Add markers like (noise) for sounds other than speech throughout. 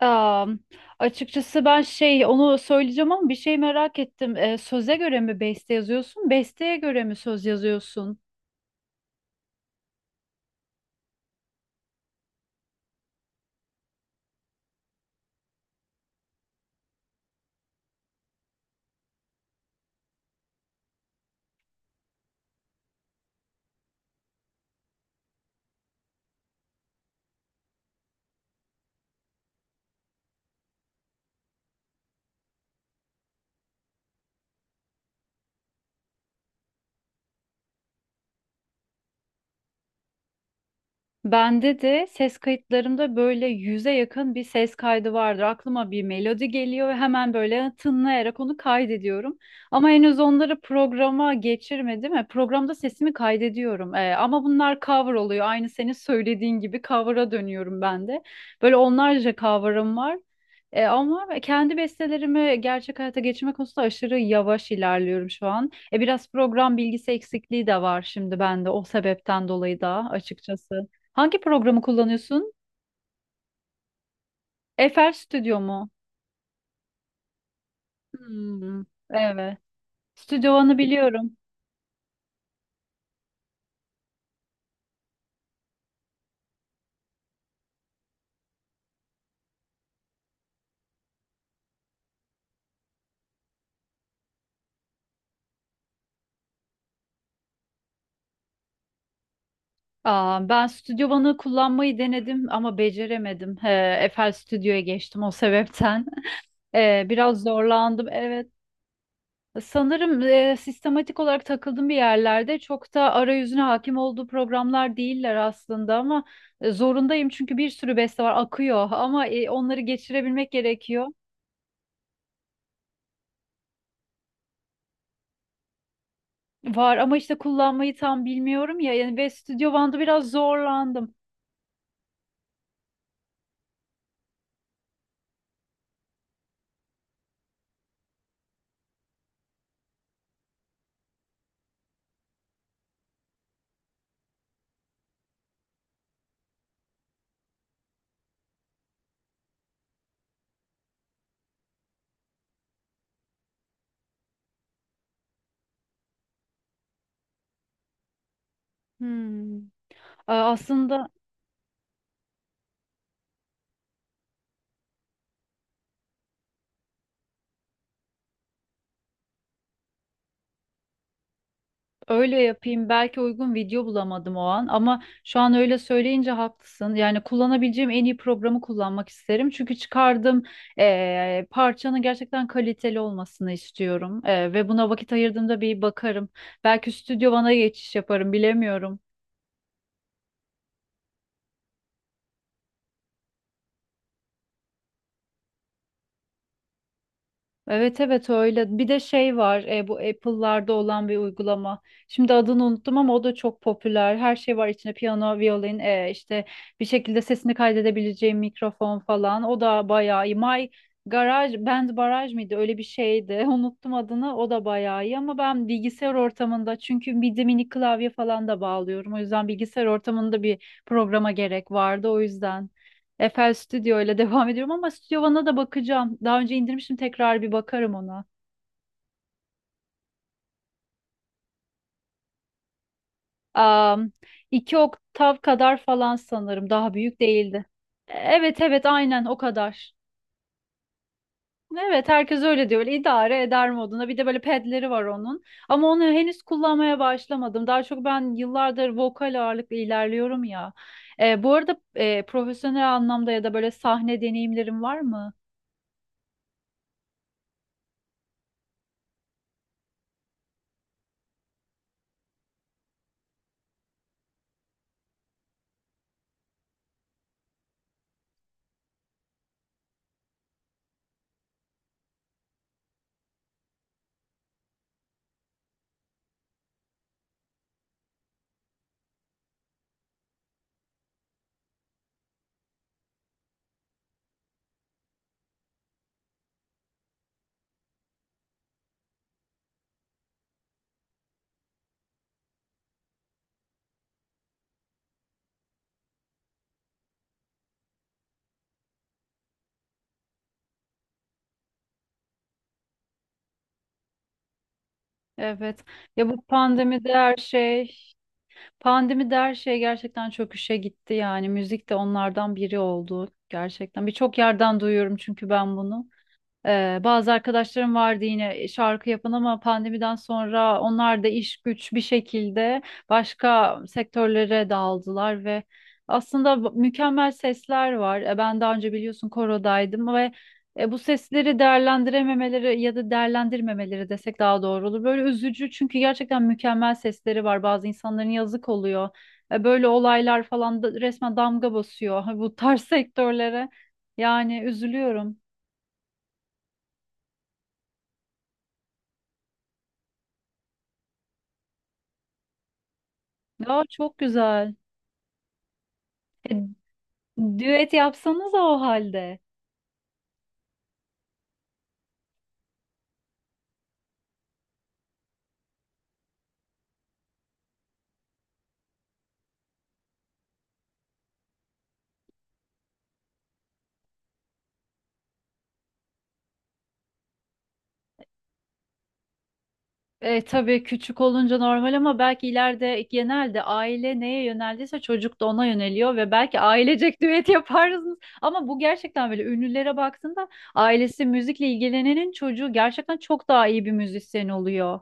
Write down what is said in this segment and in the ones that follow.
Aa, açıkçası ben şey onu söyleyeceğim ama bir şey merak ettim. Söze göre mi beste yazıyorsun? Besteye göre mi söz yazıyorsun? Bende de ses kayıtlarımda böyle yüze yakın bir ses kaydı vardır. Aklıma bir melodi geliyor ve hemen böyle tınlayarak onu kaydediyorum. Ama henüz onları programa geçirmedim. Programda sesimi kaydediyorum. Ama bunlar cover oluyor. Aynı senin söylediğin gibi cover'a dönüyorum ben de. Böyle onlarca cover'ım var. Ama kendi bestelerimi gerçek hayata geçirme konusunda aşırı yavaş ilerliyorum şu an. Biraz program bilgisi eksikliği de var şimdi bende o sebepten dolayı da açıkçası. Hangi programı kullanıyorsun? Eiffel Studio mu? Hmm. Evet. Stüdyo One'ı biliyorum. Ben Stüdyo One'ı kullanmayı denedim ama beceremedim. He, Eiffel Stüdyo'ya geçtim o sebepten. (laughs) Biraz zorlandım. Evet. Sanırım sistematik olarak takıldım bir yerlerde. Çok da arayüzüne hakim olduğu programlar değiller aslında ama zorundayım çünkü bir sürü beste var akıyor ama onları geçirebilmek gerekiyor. Var ama işte kullanmayı tam bilmiyorum ya. Yani ve Studio One'da biraz zorlandım. Hmm. Aslında öyle yapayım. Belki uygun video bulamadım o an ama şu an öyle söyleyince haklısın. Yani kullanabileceğim en iyi programı kullanmak isterim. Çünkü çıkardığım parçanın gerçekten kaliteli olmasını istiyorum. Ve buna vakit ayırdığımda bir bakarım. Belki Studio One'a geçiş yaparım bilemiyorum. Evet evet öyle. Bir de şey var bu Apple'larda olan bir uygulama. Şimdi adını unuttum ama o da çok popüler. Her şey var içinde piyano, violin, işte bir şekilde sesini kaydedebileceğim mikrofon falan. O da bayağı iyi. My Garage Band Baraj mıydı? Öyle bir şeydi. (laughs) Unuttum adını. O da bayağı iyi ama ben bilgisayar ortamında çünkü bir de mini klavye falan da bağlıyorum. O yüzden bilgisayar ortamında bir programa gerek vardı o yüzden. FL Studio ile devam ediyorum ama Studio One'a da bakacağım. Daha önce indirmiştim tekrar bir bakarım ona. Am, iki oktav kadar falan sanırım. Daha büyük değildi. Evet evet aynen o kadar. Evet herkes öyle diyor. Öyle idare eder moduna. Bir de böyle pedleri var onun. Ama onu henüz kullanmaya başlamadım. Daha çok ben yıllardır vokal ağırlıklı ilerliyorum ya. Bu arada profesyonel anlamda ya da böyle sahne deneyimlerim var mı? Evet. Ya bu pandemide her şey Pandemi de her şey gerçekten çöküşe gitti yani müzik de onlardan biri oldu gerçekten. Birçok yerden duyuyorum çünkü ben bunu. Bazı arkadaşlarım vardı yine şarkı yapan ama pandemiden sonra onlar da iş güç bir şekilde başka sektörlere dağıldılar ve aslında mükemmel sesler var. Ben daha önce biliyorsun korodaydım ve bu sesleri değerlendirememeleri ya da değerlendirmemeleri desek daha doğru olur. Böyle üzücü çünkü gerçekten mükemmel sesleri var. Bazı insanların yazık oluyor. Böyle olaylar falan da resmen damga basıyor (laughs) bu tarz sektörlere. Yani üzülüyorum. Ya çok güzel. E, Düet yapsanız o halde. Tabii küçük olunca normal ama belki ileride genelde aile neye yöneldiyse çocuk da ona yöneliyor ve belki ailecek (laughs) düet yaparsınız. Ama bu gerçekten böyle ünlülere baktığında ailesi müzikle ilgilenenin çocuğu gerçekten çok daha iyi bir müzisyen oluyor.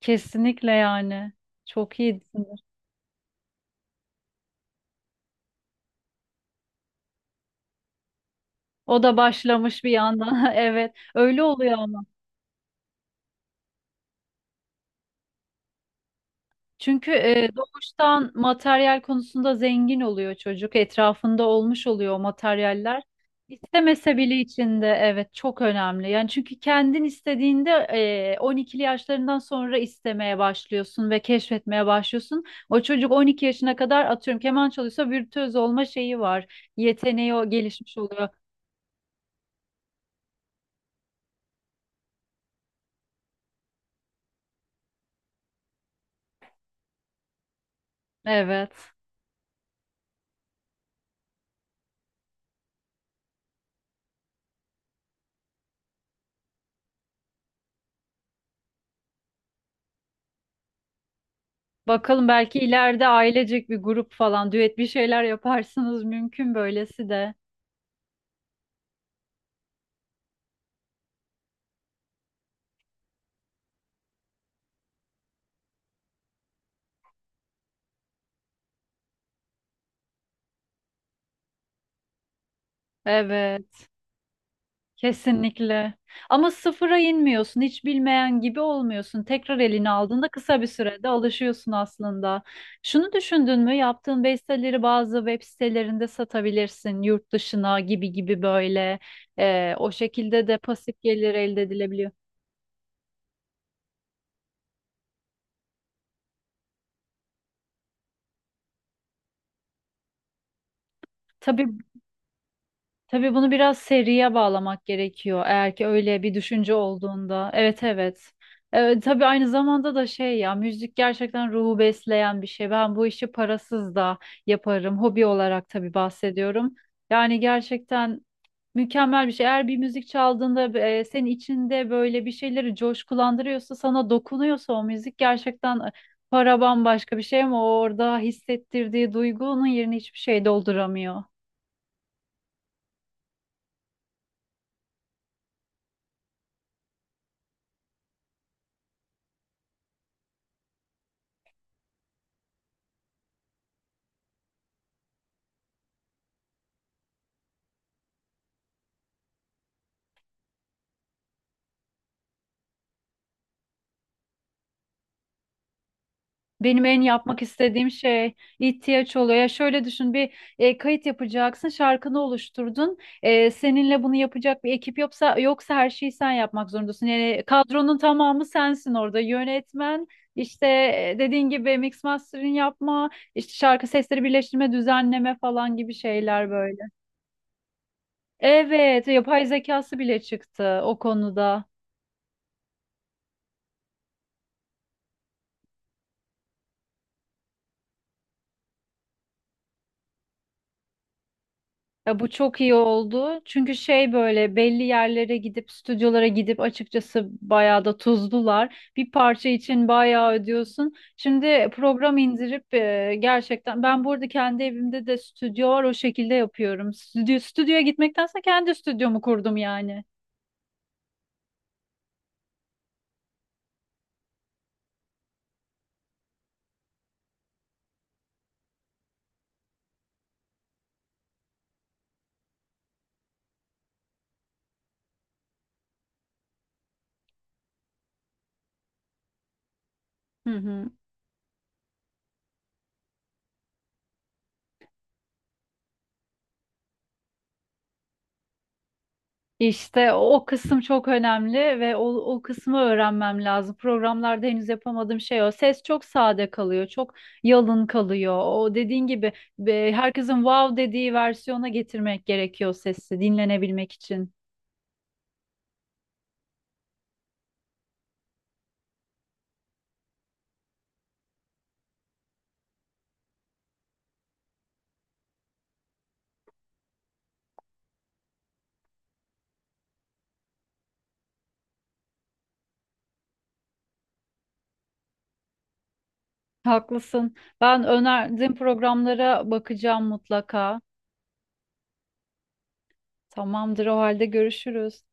Kesinlikle yani. Çok iyi. O da başlamış bir yandan. (laughs) Evet, öyle oluyor ama. Çünkü doğuştan materyal konusunda zengin oluyor çocuk. Etrafında olmuş oluyor o materyaller. İstemese bile içinde evet çok önemli. Yani çünkü kendin istediğinde 12'li yaşlarından sonra istemeye başlıyorsun ve keşfetmeye başlıyorsun. O çocuk 12 yaşına kadar atıyorum keman çalıyorsa virtüöz olma şeyi var. Yeteneği o gelişmiş oluyor. Evet. Bakalım belki ileride ailecek bir grup falan düet bir şeyler yaparsınız mümkün böylesi de. Evet. Kesinlikle. Ama sıfıra inmiyorsun, hiç bilmeyen gibi olmuyorsun. Tekrar elini aldığında kısa bir sürede alışıyorsun aslında. Şunu düşündün mü? Yaptığın besteleri bazı web sitelerinde satabilirsin, yurt dışına gibi gibi böyle. O şekilde de pasif gelir elde edilebiliyor. Tabii Tabii, bunu biraz seriye bağlamak gerekiyor eğer ki öyle bir düşünce olduğunda. Evet evet. Evet, tabii aynı zamanda da şey ya müzik gerçekten ruhu besleyen bir şey. Ben bu işi parasız da yaparım. Hobi olarak tabii bahsediyorum. Yani gerçekten mükemmel bir şey. Eğer bir müzik çaldığında senin içinde böyle bir şeyleri coşkulandırıyorsa, sana dokunuyorsa o müzik gerçekten para bambaşka bir şey ama orada hissettirdiği duygunun yerini hiçbir şey dolduramıyor. Benim en yapmak istediğim şey ihtiyaç oluyor. Ya şöyle düşün bir kayıt yapacaksın, şarkını oluşturdun. Seninle bunu yapacak bir ekip yoksa her şeyi sen yapmak zorundasın. Yani kadronun tamamı sensin orada. Yönetmen, işte dediğin gibi mix mastering yapma, işte şarkı sesleri birleştirme, düzenleme falan gibi şeyler böyle. Evet, yapay zekası bile çıktı o konuda. Ya bu çok iyi oldu. Çünkü şey böyle belli yerlere gidip stüdyolara gidip açıkçası bayağı da tuzdular. Bir parça için bayağı ödüyorsun. Şimdi program indirip gerçekten ben burada kendi evimde de stüdyo var o şekilde yapıyorum. Stüdyo, stüdyoya gitmektense kendi stüdyomu kurdum yani. Hı hı. İşte o kısım çok önemli ve o kısmı öğrenmem lazım. Programlarda henüz yapamadığım şey o. Ses çok sade kalıyor, çok yalın kalıyor. O dediğin gibi herkesin wow dediği versiyona getirmek gerekiyor sesi dinlenebilmek için. Haklısın. Ben önerdiğin programlara bakacağım mutlaka. Tamamdır o halde görüşürüz.